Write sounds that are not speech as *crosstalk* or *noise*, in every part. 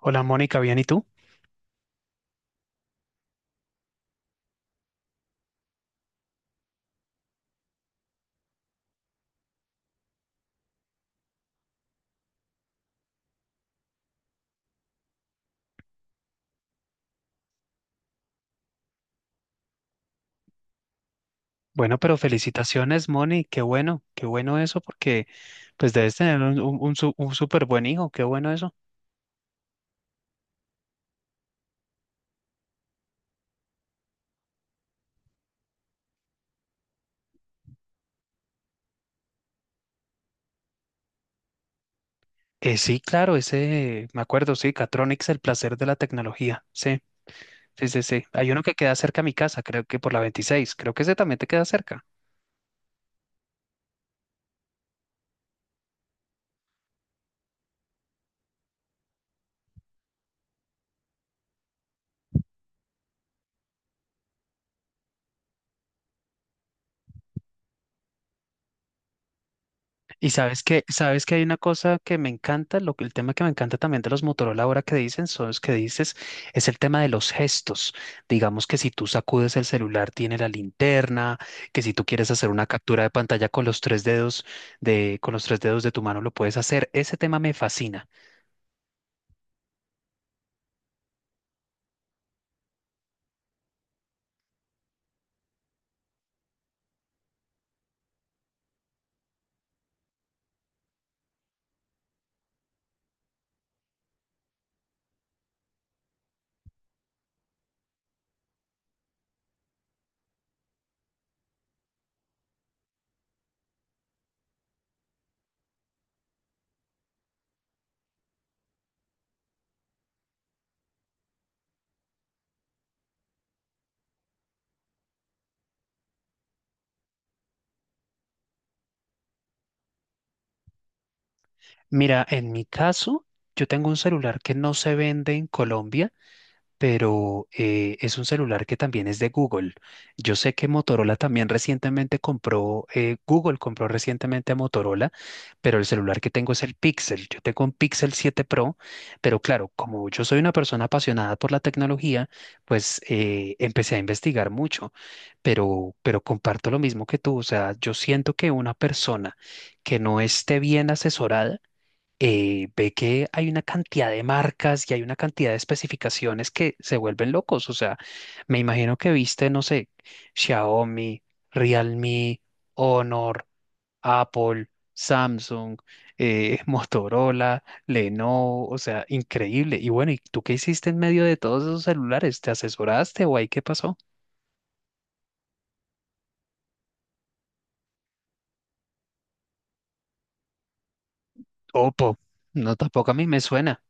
Hola Mónica, bien, ¿y tú? Bueno, pero felicitaciones, Moni, qué bueno eso, porque pues debes tener un súper buen hijo, qué bueno eso. Sí, claro, ese, me acuerdo, sí, Catronics, el placer de la tecnología, sí, sí, sí, sí. Hay uno que queda cerca a mi casa, creo que por la 26, creo que ese también te queda cerca. Y sabes que hay una cosa que me encanta, el tema que me encanta también de los Motorola ahora que dicen, son los que dices, es el tema de los gestos. Digamos que si tú sacudes el celular, tiene la linterna, que si tú quieres hacer una captura de pantalla con los tres dedos de tu mano, lo puedes hacer. Ese tema me fascina. Mira, en mi caso, yo tengo un celular que no se vende en Colombia, pero es un celular que también es de Google. Yo sé que Motorola también recientemente compró, Google compró recientemente a Motorola, pero el celular que tengo es el Pixel. Yo tengo un Pixel 7 Pro, pero claro, como yo soy una persona apasionada por la tecnología, pues empecé a investigar mucho, pero comparto lo mismo que tú. O sea, yo siento que una persona que no esté bien asesorada, ve que hay una cantidad de marcas y hay una cantidad de especificaciones que se vuelven locos. O sea, me imagino que viste, no sé, Xiaomi, Realme, Honor, Apple, Samsung, *laughs* Motorola, Lenovo, o sea, increíble. Y bueno, ¿y tú qué hiciste en medio de todos esos celulares? ¿Te asesoraste o ahí qué pasó? Oppo, no, tampoco a mí me suena.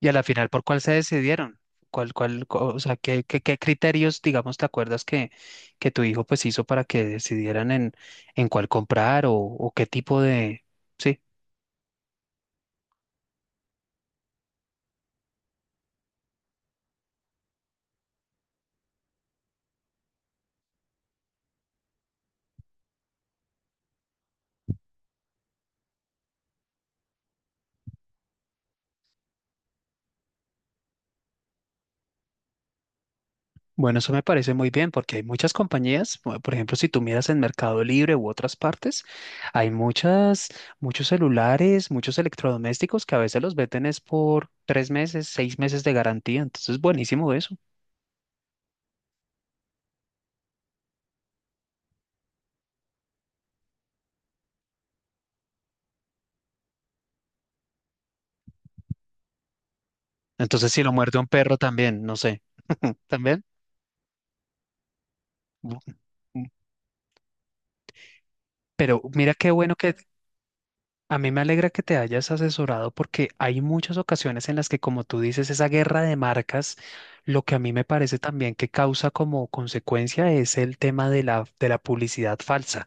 Y a la final, ¿por cuál se decidieron? O sea, ¿qué criterios, digamos, te acuerdas que tu hijo pues hizo para que decidieran en cuál comprar o qué tipo de...? Sí, bueno, eso me parece muy bien porque hay muchas compañías, por ejemplo, si tú miras en Mercado Libre u otras partes, hay muchas, muchos celulares, muchos electrodomésticos que a veces los venden es por tres meses, seis meses de garantía, entonces buenísimo eso. Entonces, si lo muerde un perro también, no sé, *laughs* también. Pero mira qué bueno que a mí me alegra que te hayas asesorado porque hay muchas ocasiones en las que, como tú dices, esa guerra de marcas, lo que a mí me parece también que causa como consecuencia es el tema de la publicidad falsa.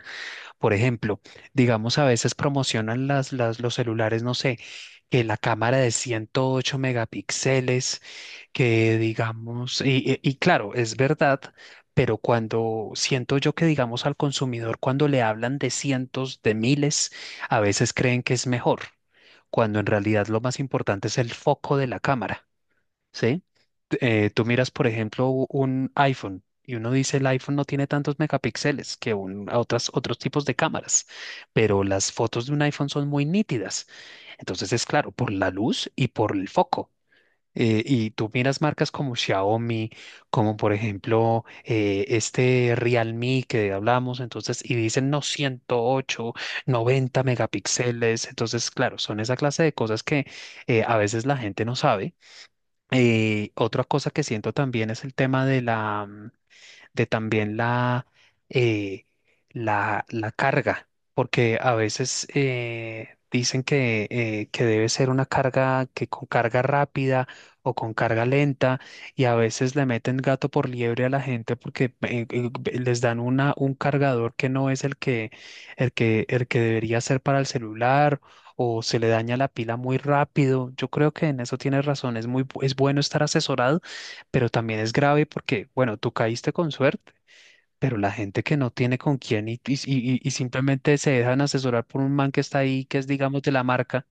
Por ejemplo, digamos a veces promocionan los celulares, no sé, que la cámara de 108 megapíxeles, que digamos, y claro, es verdad, pero cuando siento yo que digamos al consumidor, cuando le hablan de cientos, de miles, a veces creen que es mejor, cuando en realidad lo más importante es el foco de la cámara, ¿sí? Tú miras, por ejemplo, un iPhone y uno dice el iPhone no tiene tantos megapíxeles que a otras, otros tipos de cámaras, pero las fotos de un iPhone son muy nítidas. Entonces es claro, por la luz y por el foco. Y tú miras marcas como Xiaomi, como por ejemplo este Realme que hablamos, entonces, y dicen no 108, 90 megapíxeles. Entonces, claro, son esa clase de cosas que a veces la gente no sabe. Otra cosa que siento también es el tema de también eh, la carga, porque a veces dicen que debe ser una carga, que con carga rápida o con carga lenta, y a veces le meten gato por liebre a la gente porque les dan un cargador que no es el que debería ser para el celular, o se le daña la pila muy rápido. Yo creo que en eso tienes razón. Es bueno estar asesorado, pero también es grave porque, bueno, tú caíste con suerte, pero la gente que no tiene con quién y simplemente se dejan asesorar por un man que está ahí, que es, digamos, de la marca,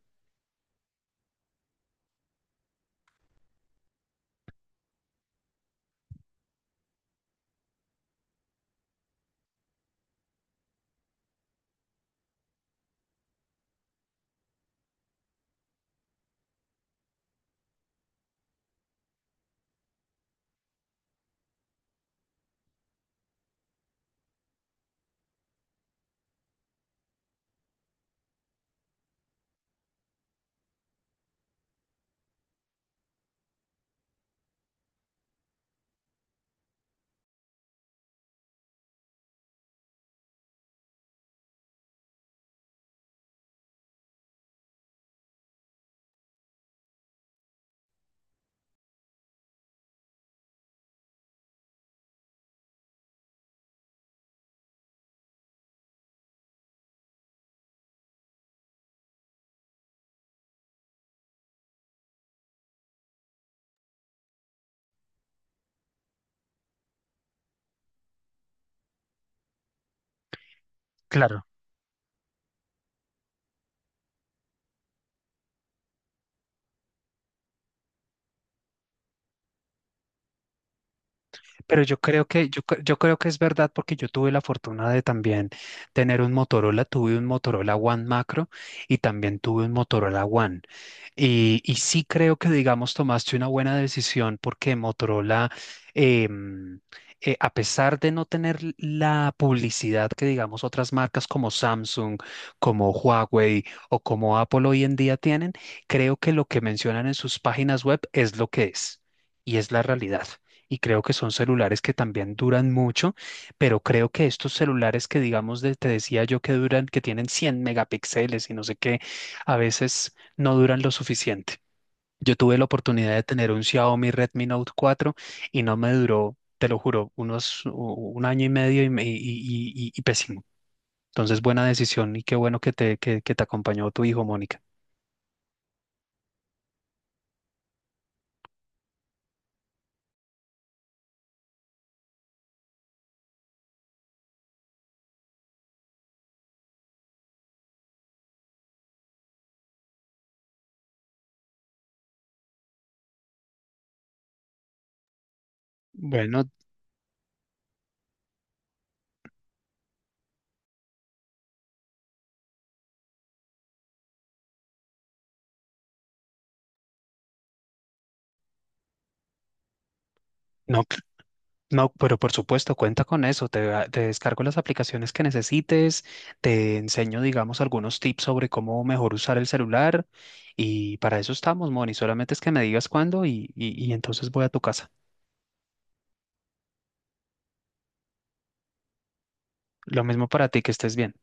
claro. Pero yo creo que, yo creo que es verdad porque yo tuve la fortuna de también tener un Motorola, tuve un Motorola One Macro y también tuve un Motorola One. Y sí creo que, digamos, tomaste una buena decisión porque Motorola, em, a pesar de no tener la publicidad que, digamos, otras marcas como Samsung, como Huawei o como Apple hoy en día tienen, creo que lo que mencionan en sus páginas web es lo que es y es la realidad, y creo que son celulares que también duran mucho, pero creo que estos celulares que digamos, te decía yo que duran, que tienen 100 megapíxeles y no sé qué, a veces no duran lo suficiente. Yo tuve la oportunidad de tener un Xiaomi Redmi Note cuatro y no me duró, te lo juro, un año y medio, y pésimo. Entonces, buena decisión y qué bueno que que te acompañó tu hijo, Mónica. Bueno, no. No, pero por supuesto, cuenta con eso. Te descargo las aplicaciones que necesites, te enseño, digamos, algunos tips sobre cómo mejor usar el celular, y para eso estamos, Moni. Solamente es que me digas cuándo, y entonces voy a tu casa. Lo mismo para ti, que estés bien.